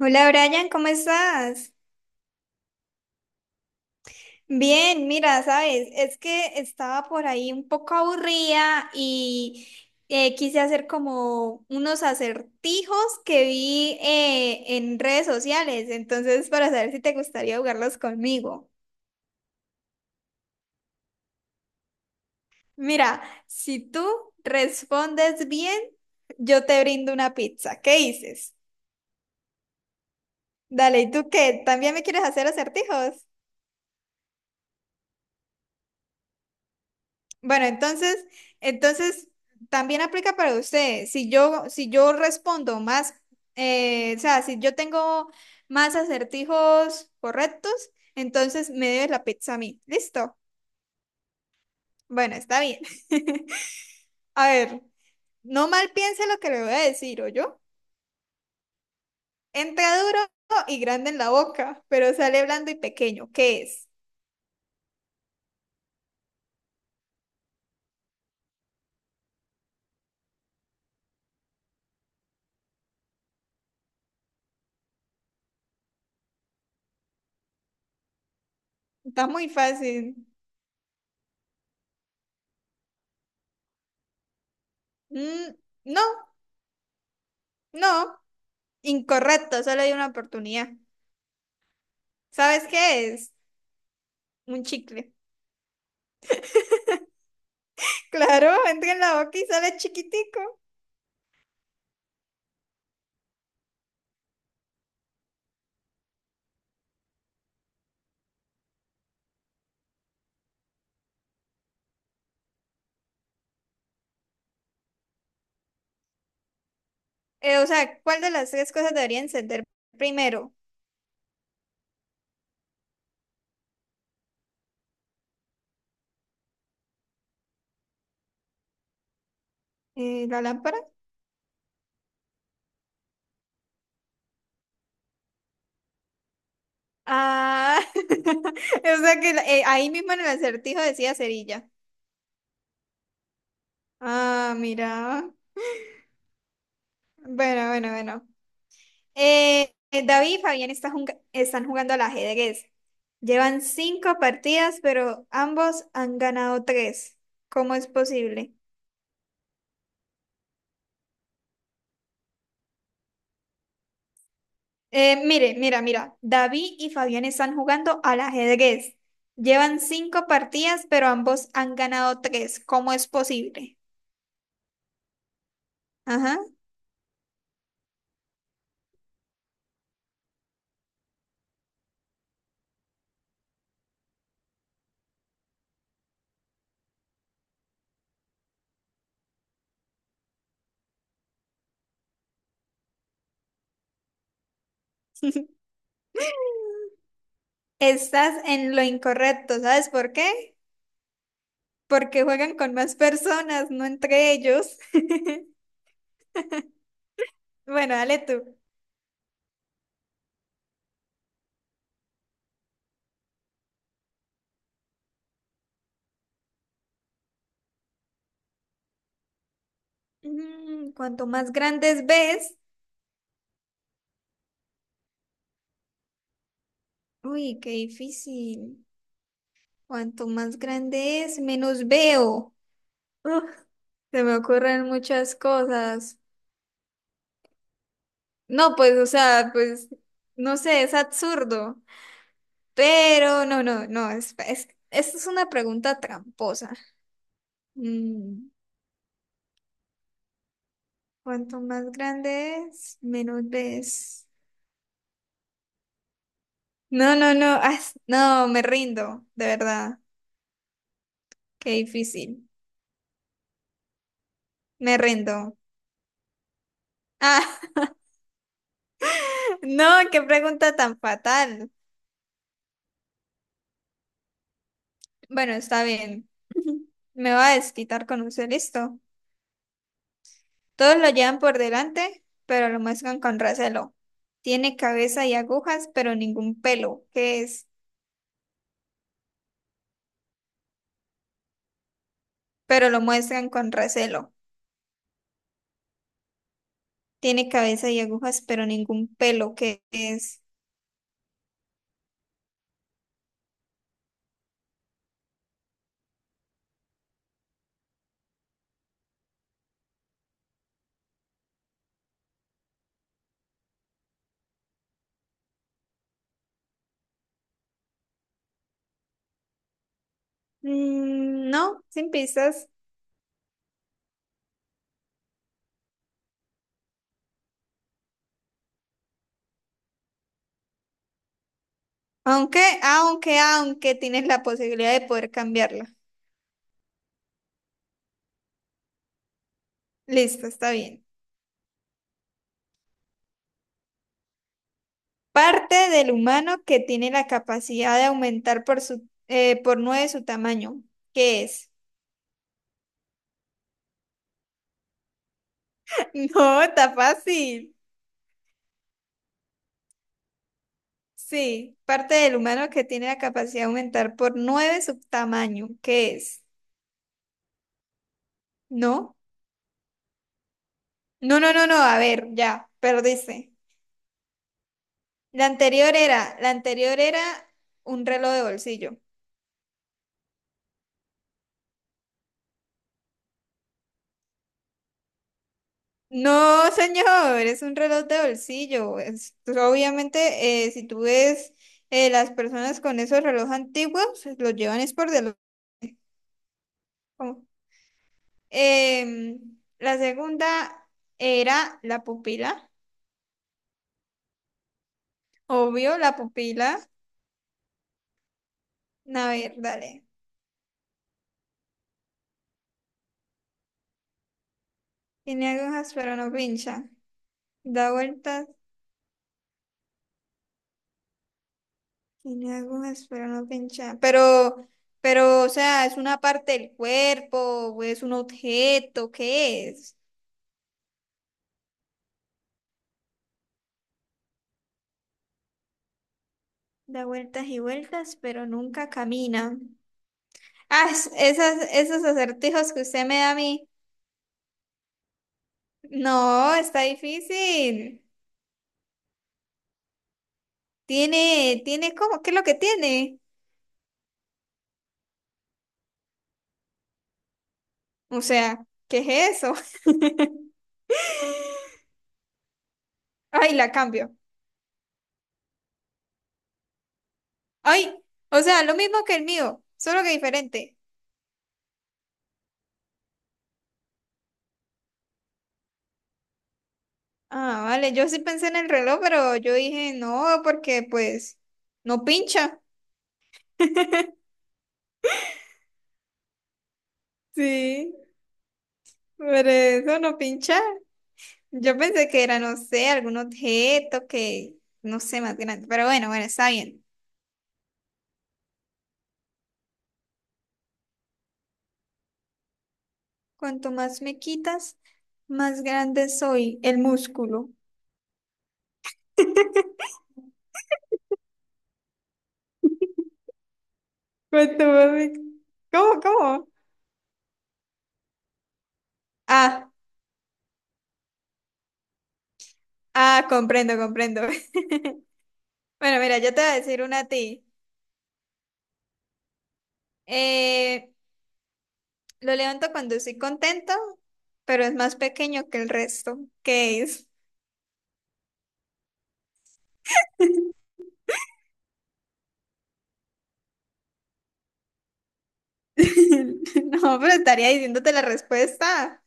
Hola Brian, ¿cómo estás? Bien, mira, sabes, es que estaba por ahí un poco aburrida y quise hacer como unos acertijos que vi en redes sociales, entonces para saber si te gustaría jugarlos conmigo. Mira, si tú respondes bien, yo te brindo una pizza. ¿Qué dices? Dale, ¿y tú qué? ¿También me quieres hacer acertijos? Bueno, entonces también aplica para usted. Si yo respondo más, o sea, si yo tengo más acertijos correctos, entonces me debes la pizza a mí. ¿Listo? Bueno, está bien. A ver, no mal piense lo que le voy a decir, ¿o yo? Entra duro y grande en la boca, pero sale blando y pequeño. ¿Qué es? Está muy fácil. Mm, no, no. Incorrecto, solo hay una oportunidad. ¿Sabes qué es? Un chicle. Claro, entra en la boca y sale chiquitico. O sea, ¿cuál de las tres cosas debería encender primero? ¿La lámpara? Ah, o sea que ahí mismo en el acertijo decía cerilla. Ah, mira. Bueno. David y Fabián están jugando al ajedrez. Llevan cinco partidas, pero ambos han ganado tres. ¿Cómo es posible? Mira, David y Fabián están jugando al ajedrez. Llevan cinco partidas, pero ambos han ganado tres. ¿Cómo es posible? Ajá. Estás en lo incorrecto, ¿sabes por qué? Porque juegan con más personas, no entre ellos. Bueno, dale tú. Mm, cuanto más grandes ves, uy, qué difícil. Cuanto más grande es, menos veo. Uf, se me ocurren muchas cosas. No, pues, o sea, pues, no sé, es absurdo. Pero no, esta es una pregunta tramposa. Mm, cuanto más grande es, menos ves. No, no, me rindo, de verdad. Qué difícil. Me rindo. Ah, no, qué pregunta tan fatal. Bueno, está bien. Me va a desquitar con usted, listo. Todos lo llevan por delante, pero lo muestran con recelo. Tiene cabeza y agujas, pero ningún pelo. ¿Qué es? Pero lo muestran con recelo. Tiene cabeza y agujas, pero ningún pelo. ¿Qué es? Mm, no, sin pistas. Aunque tienes la posibilidad de poder cambiarla. Listo, está bien. Parte del humano que tiene la capacidad de aumentar por nueve su tamaño. ¿Qué es? No, está fácil. Sí, parte del humano que tiene la capacidad de aumentar por nueve su tamaño, ¿qué es? ¿No? No, no, no, no, a ver, ya, perdiste. La anterior era un reloj de bolsillo. No, señor, es un reloj de bolsillo. Pues, obviamente, si tú ves las personas con esos relojes antiguos, los llevan es por delante. ¿Cómo? Em, la segunda era la pupila. Obvio, la pupila. A ver, dale. Tiene agujas pero no pincha. Da vueltas, tiene agujas pero no pincha. Pero, o sea, ¿es una parte del cuerpo o es un objeto? ¿Qué es? Da vueltas y vueltas pero nunca camina. Ah, esos acertijos que usted me da a mí. No, está difícil. ¿Cómo? ¿Qué es lo que tiene? O sea, ¿qué es eso? Ay, la cambio. Ay, o sea, lo mismo que el mío, solo que diferente. Ah, vale, yo sí pensé en el reloj, pero yo dije no, porque pues no pincha. Sí, por eso no pincha. Yo pensé que era, no sé, algún objeto que, no sé, más grande. Pero bueno, está bien. Cuanto más me quitas, más grande soy el músculo. Cuanto más me- ¿cómo, cómo? Ah, ah, comprendo, comprendo. Bueno, mira, yo te voy a decir una a ti. Eh, Lo levanto cuando estoy contento, pero es más pequeño que el resto. ¿Qué es? No, pero estaría diciéndote la respuesta.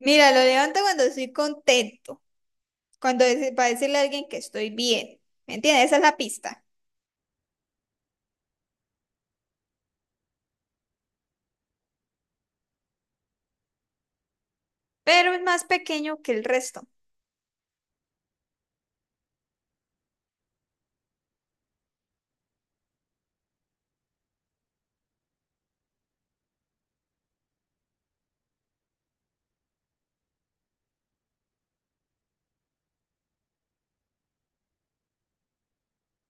Mira, lo levanto cuando estoy contento, para decirle a alguien que estoy bien. ¿Me entiendes? Esa es la pista. Pero es más pequeño que el resto.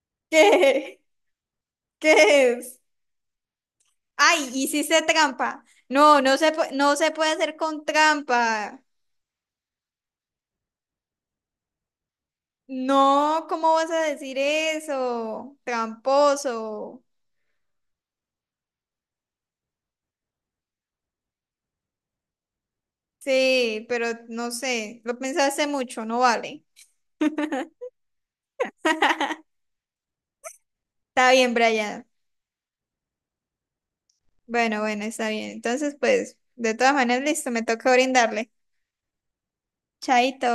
¿Qué? ¿Qué es? Ay, hiciste trampa. No, no se puede hacer con trampa. No, ¿cómo vas a decir eso? Tramposo. Sí, pero no sé, lo pensaste mucho, no vale. Está bien, Brian. Bueno, está bien. Entonces, pues, de todas maneras, listo, me toca brindarle. Chaito.